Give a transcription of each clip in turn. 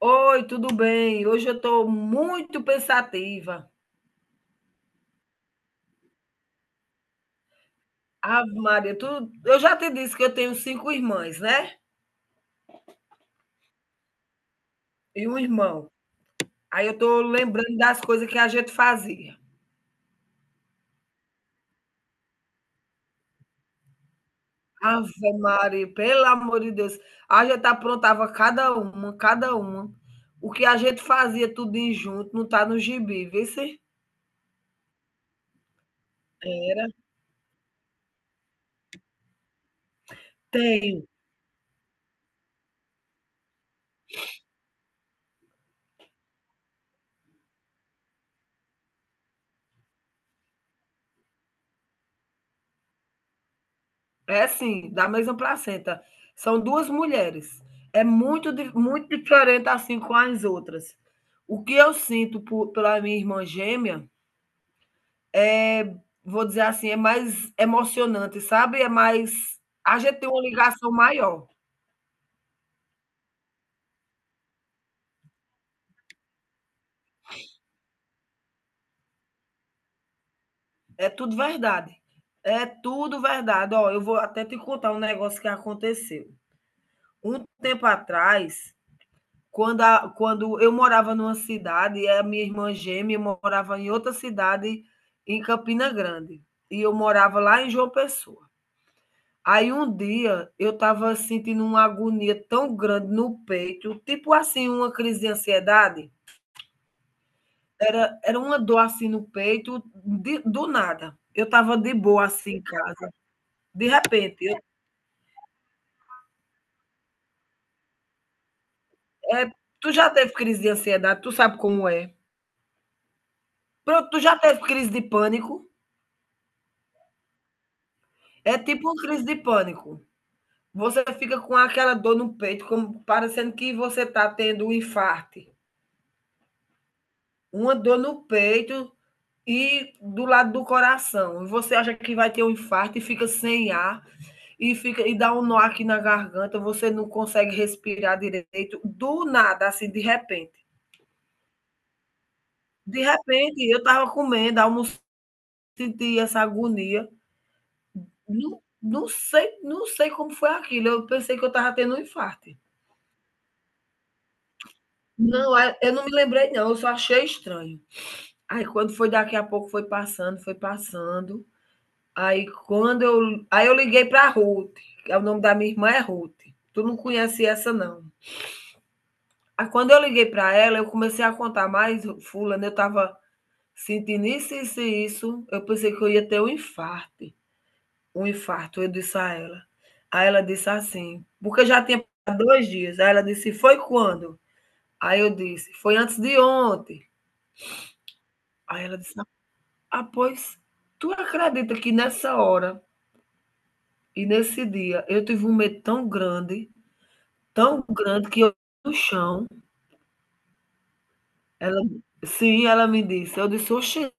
Oi, tudo bem? Hoje eu estou muito pensativa. Ave Maria, tu, eu já te disse que eu tenho cinco irmãs, né? E um irmão. Aí eu estou lembrando das coisas que a gente fazia. Ave Maria, pelo amor de Deus. A gente aprontava cada uma, cada uma. O que a gente fazia tudinho junto, não está no gibi, vê se? Era. Tenho. É sim, da mesma placenta. São duas mulheres. É muito, muito diferente assim com as outras. O que eu sinto pela minha irmã gêmea é, vou dizer assim, é mais emocionante, sabe? É mais. A gente tem uma ligação maior. É tudo verdade. É tudo verdade. Ó, eu vou até te contar um negócio que aconteceu. Um tempo atrás, quando eu morava numa cidade, e a minha irmã gêmea morava em outra cidade, em Campina Grande, e eu morava lá em João Pessoa. Aí um dia eu estava sentindo uma agonia tão grande no peito, tipo assim, uma crise de ansiedade. Era uma dor assim no peito, do nada. Eu estava de boa assim em casa. De repente, é, tu já teve crise de ansiedade, tu sabe como é. Pronto, tu já teve crise de pânico? É tipo uma crise de pânico. Você fica com aquela dor no peito, como parecendo que você está tendo um infarto, uma dor no peito e do lado do coração. E você acha que vai ter um infarto e fica sem ar e fica e dá um nó aqui na garganta, você não consegue respirar direito, do nada, assim, de repente. De repente, eu estava comendo, almoço, senti essa agonia. Não, não sei como foi aquilo. Eu pensei que eu estava tendo um infarto. Não, eu não me lembrei, não, eu só achei estranho. Aí quando foi daqui a pouco foi passando, foi passando. Aí eu liguei para a Ruth, que é o nome da minha irmã é Ruth. Tu não conhece essa não. Aí quando eu liguei para ela, eu comecei a contar mais, fulano, eu estava sentindo isso, isso e isso. Eu pensei que eu ia ter um infarto. Um infarto, eu disse a ela. Aí ela disse assim, porque já tinha passado 2 dias. Aí ela disse, foi quando? Aí eu disse, foi antes de ontem. Aí ela disse, ah, pois, tu acredita que nessa hora e nesse dia eu tive um medo tão grande que eu no chão, ela sim, ela me disse, eu disse: "Oxe,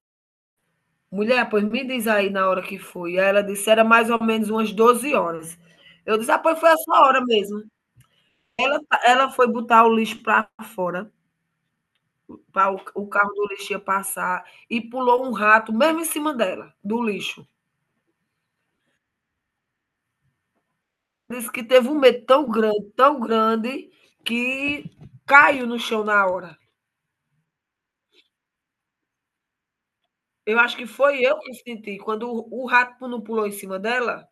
mulher, pois me diz aí na hora que foi". Aí ela disse: "Era mais ou menos umas 12 horas". Eu disse: "Ah, pois foi a sua hora mesmo". Ela foi botar o lixo para fora, pra o carro do lixo ia passar e pulou um rato mesmo em cima dela, do lixo. Disse que teve um medo tão grande, que caiu no chão na hora. Eu acho que foi eu que senti, quando o rato não pulou em cima dela,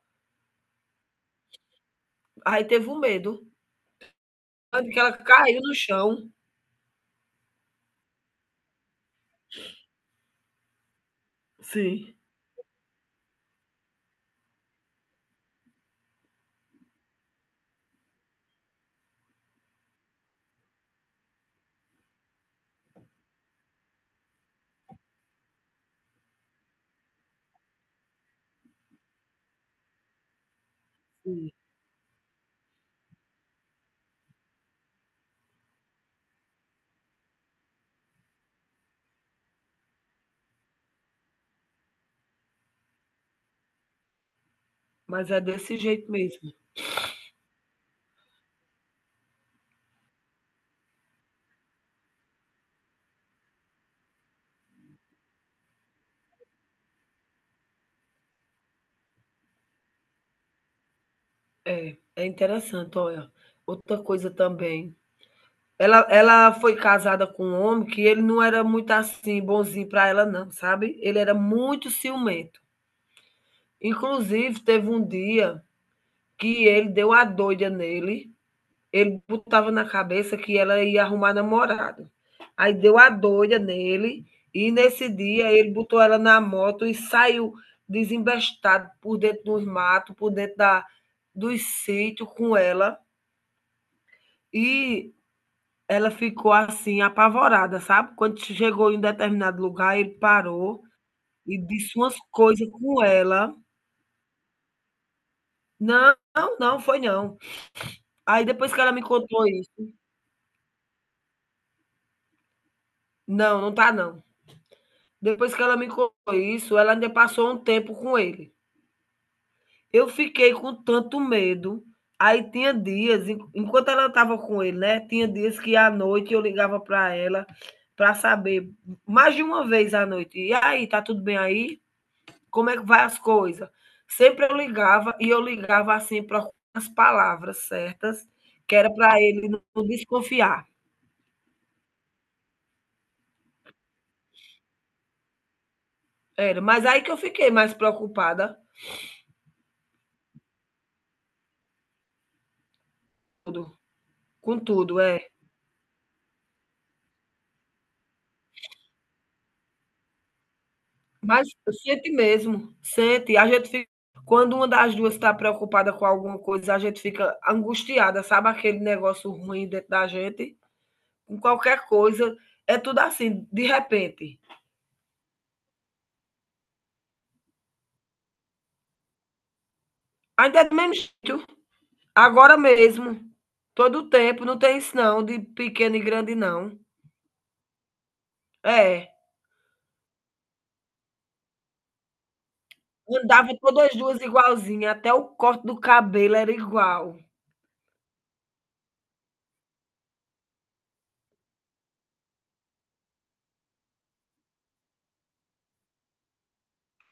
aí teve um medo, tanto que ela caiu no chão. Sim, sim, mas é desse jeito mesmo. É interessante, olha, outra coisa também, ela foi casada com um homem que ele não era muito, assim, bonzinho para ela não, sabe, ele era muito ciumento. Inclusive teve um dia que ele deu a doida nele. Ele botava na cabeça que ela ia arrumar namorado. Aí deu a doida nele, e nesse dia ele botou ela na moto e saiu desembestado por dentro dos matos, por dentro dos sítios com ela. E ela ficou assim, apavorada, sabe? Quando chegou em determinado lugar, ele parou e disse umas coisas com ela. Não, não, não foi não. Aí depois que ela me contou isso, não, não tá não. Depois que ela me contou isso, ela ainda passou um tempo com ele. Eu fiquei com tanto medo. Aí tinha dias, enquanto ela estava com ele, né? Tinha dias que à noite eu ligava para ela para saber, mais de uma vez à noite. E aí, tá tudo bem aí? Como é que vai as coisas? Sempre eu ligava e eu ligava assim para as palavras certas, que era para ele não desconfiar. Era, mas aí que eu fiquei mais preocupada tudo, com tudo, é. Mas sente mesmo, sente. A gente fica quando uma das 2 está preocupada com alguma coisa, a gente fica angustiada, sabe aquele negócio ruim dentro da gente? Com qualquer coisa, é tudo assim, de repente. Ainda é do mesmo jeito, agora mesmo, todo o tempo, não tem isso não, de pequeno e grande não. É, andava todas 2 igualzinha, até o corte do cabelo era igual.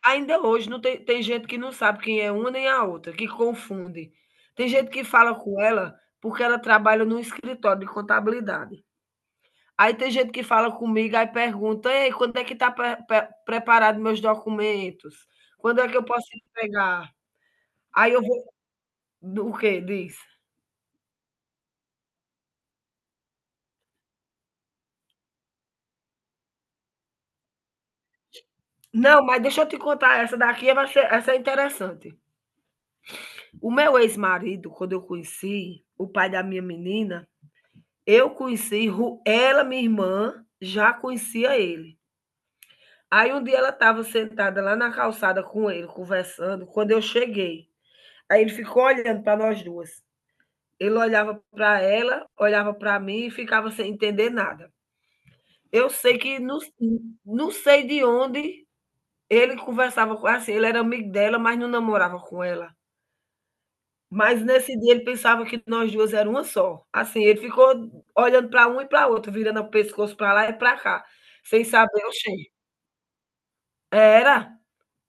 Ainda hoje não tem gente que não sabe quem é uma nem a outra, que confunde. Tem gente que fala com ela, porque ela trabalha num escritório de contabilidade. Aí tem gente que fala comigo, aí pergunta: "Ei, quando é que tá preparado meus documentos? Quando é que eu posso entregar?" Aí eu vou do quê? Diz. Não, mas deixa eu te contar essa daqui é, vai ser essa é interessante. O meu ex-marido, quando eu conheci, o pai da minha menina, eu conheci ru ela, minha irmã, já conhecia ele. Aí um dia ela estava sentada lá na calçada com ele, conversando, quando eu cheguei. Aí ele ficou olhando para nós duas. Ele olhava para ela, olhava para mim e ficava sem entender nada. Eu sei que não, não sei de onde ele conversava com assim, ele era amigo dela, mas não namorava com ela. Mas nesse dia ele pensava que nós duas eram uma só. Assim, ele ficou olhando para um e para outro, virando o pescoço para lá e para cá, sem saber o cheiro. Era,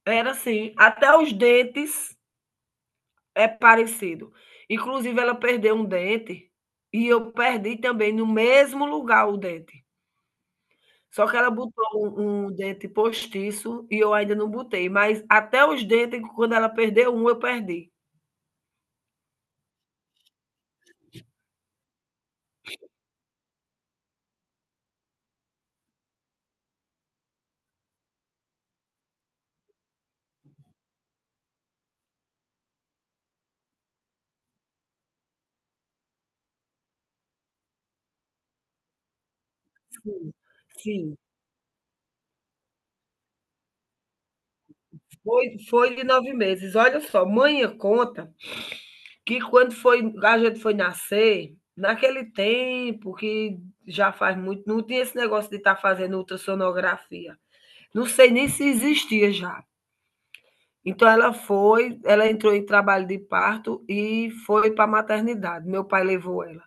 era assim, até os dentes é parecido. Inclusive, ela perdeu um dente e eu perdi também no mesmo lugar o dente. Só que ela botou um dente postiço e eu ainda não botei, mas até os dentes, quando ela perdeu um, eu perdi. Sim, sim. Foi de 9 meses. Olha só, mãe conta que quando foi a gente foi nascer, naquele tempo que já faz muito, não tinha esse negócio de estar fazendo ultrassonografia. Não sei nem se existia já. Então ela entrou em trabalho de parto e foi para a maternidade, meu pai levou ela.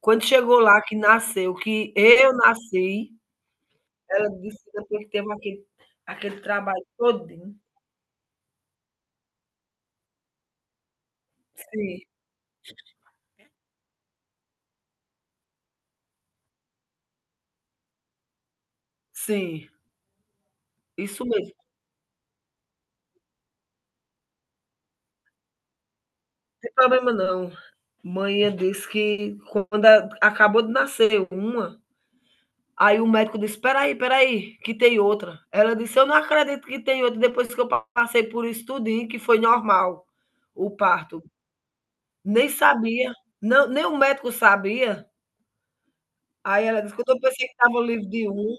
Quando chegou lá que nasceu, que eu nasci, ela disse que depois que teve aquele trabalho todinho. Sim, sim, isso mesmo, não tem problema não. Manhã disse que quando a acabou de nascer uma, aí o médico disse: espera aí, que tem outra". Ela disse: "Eu não acredito que tem outra, depois que eu passei por isso tudinho, que foi normal o parto". Nem sabia. Não, nem o médico sabia. Aí ela disse: "Quando eu pensei que estava livre de um,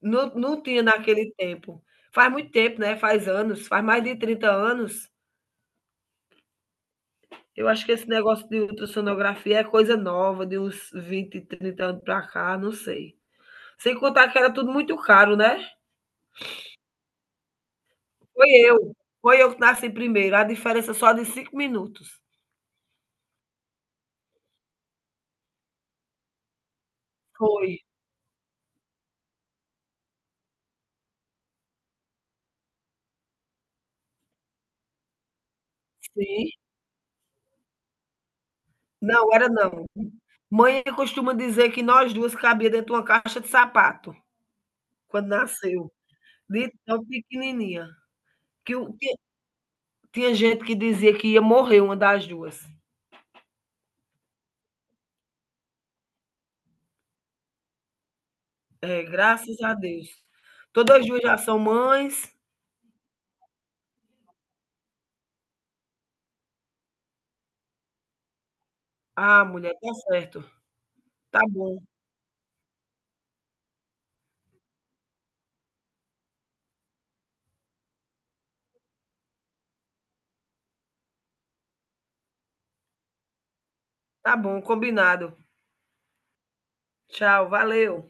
não tinha naquele tempo". Faz muito tempo, né, faz anos, faz mais de 30 anos. Eu acho que esse negócio de ultrassonografia é coisa nova, de uns 20, 30 anos para cá, não sei. Sem contar que era tudo muito caro, né. Foi eu, foi eu que nasci primeiro, a diferença só de 5 minutos. Foi. Sim. Não, era não. Mãe costuma dizer que nós 2 cabia dentro de uma caixa de sapato. Quando nasceu, de tão pequenininha, que o ti tinha gente que dizia que ia morrer uma das duas. É, graças a Deus. Todas as 2 já são mães. Ah, mulher, tá certo. Tá bom, tá bom, combinado. Tchau, valeu.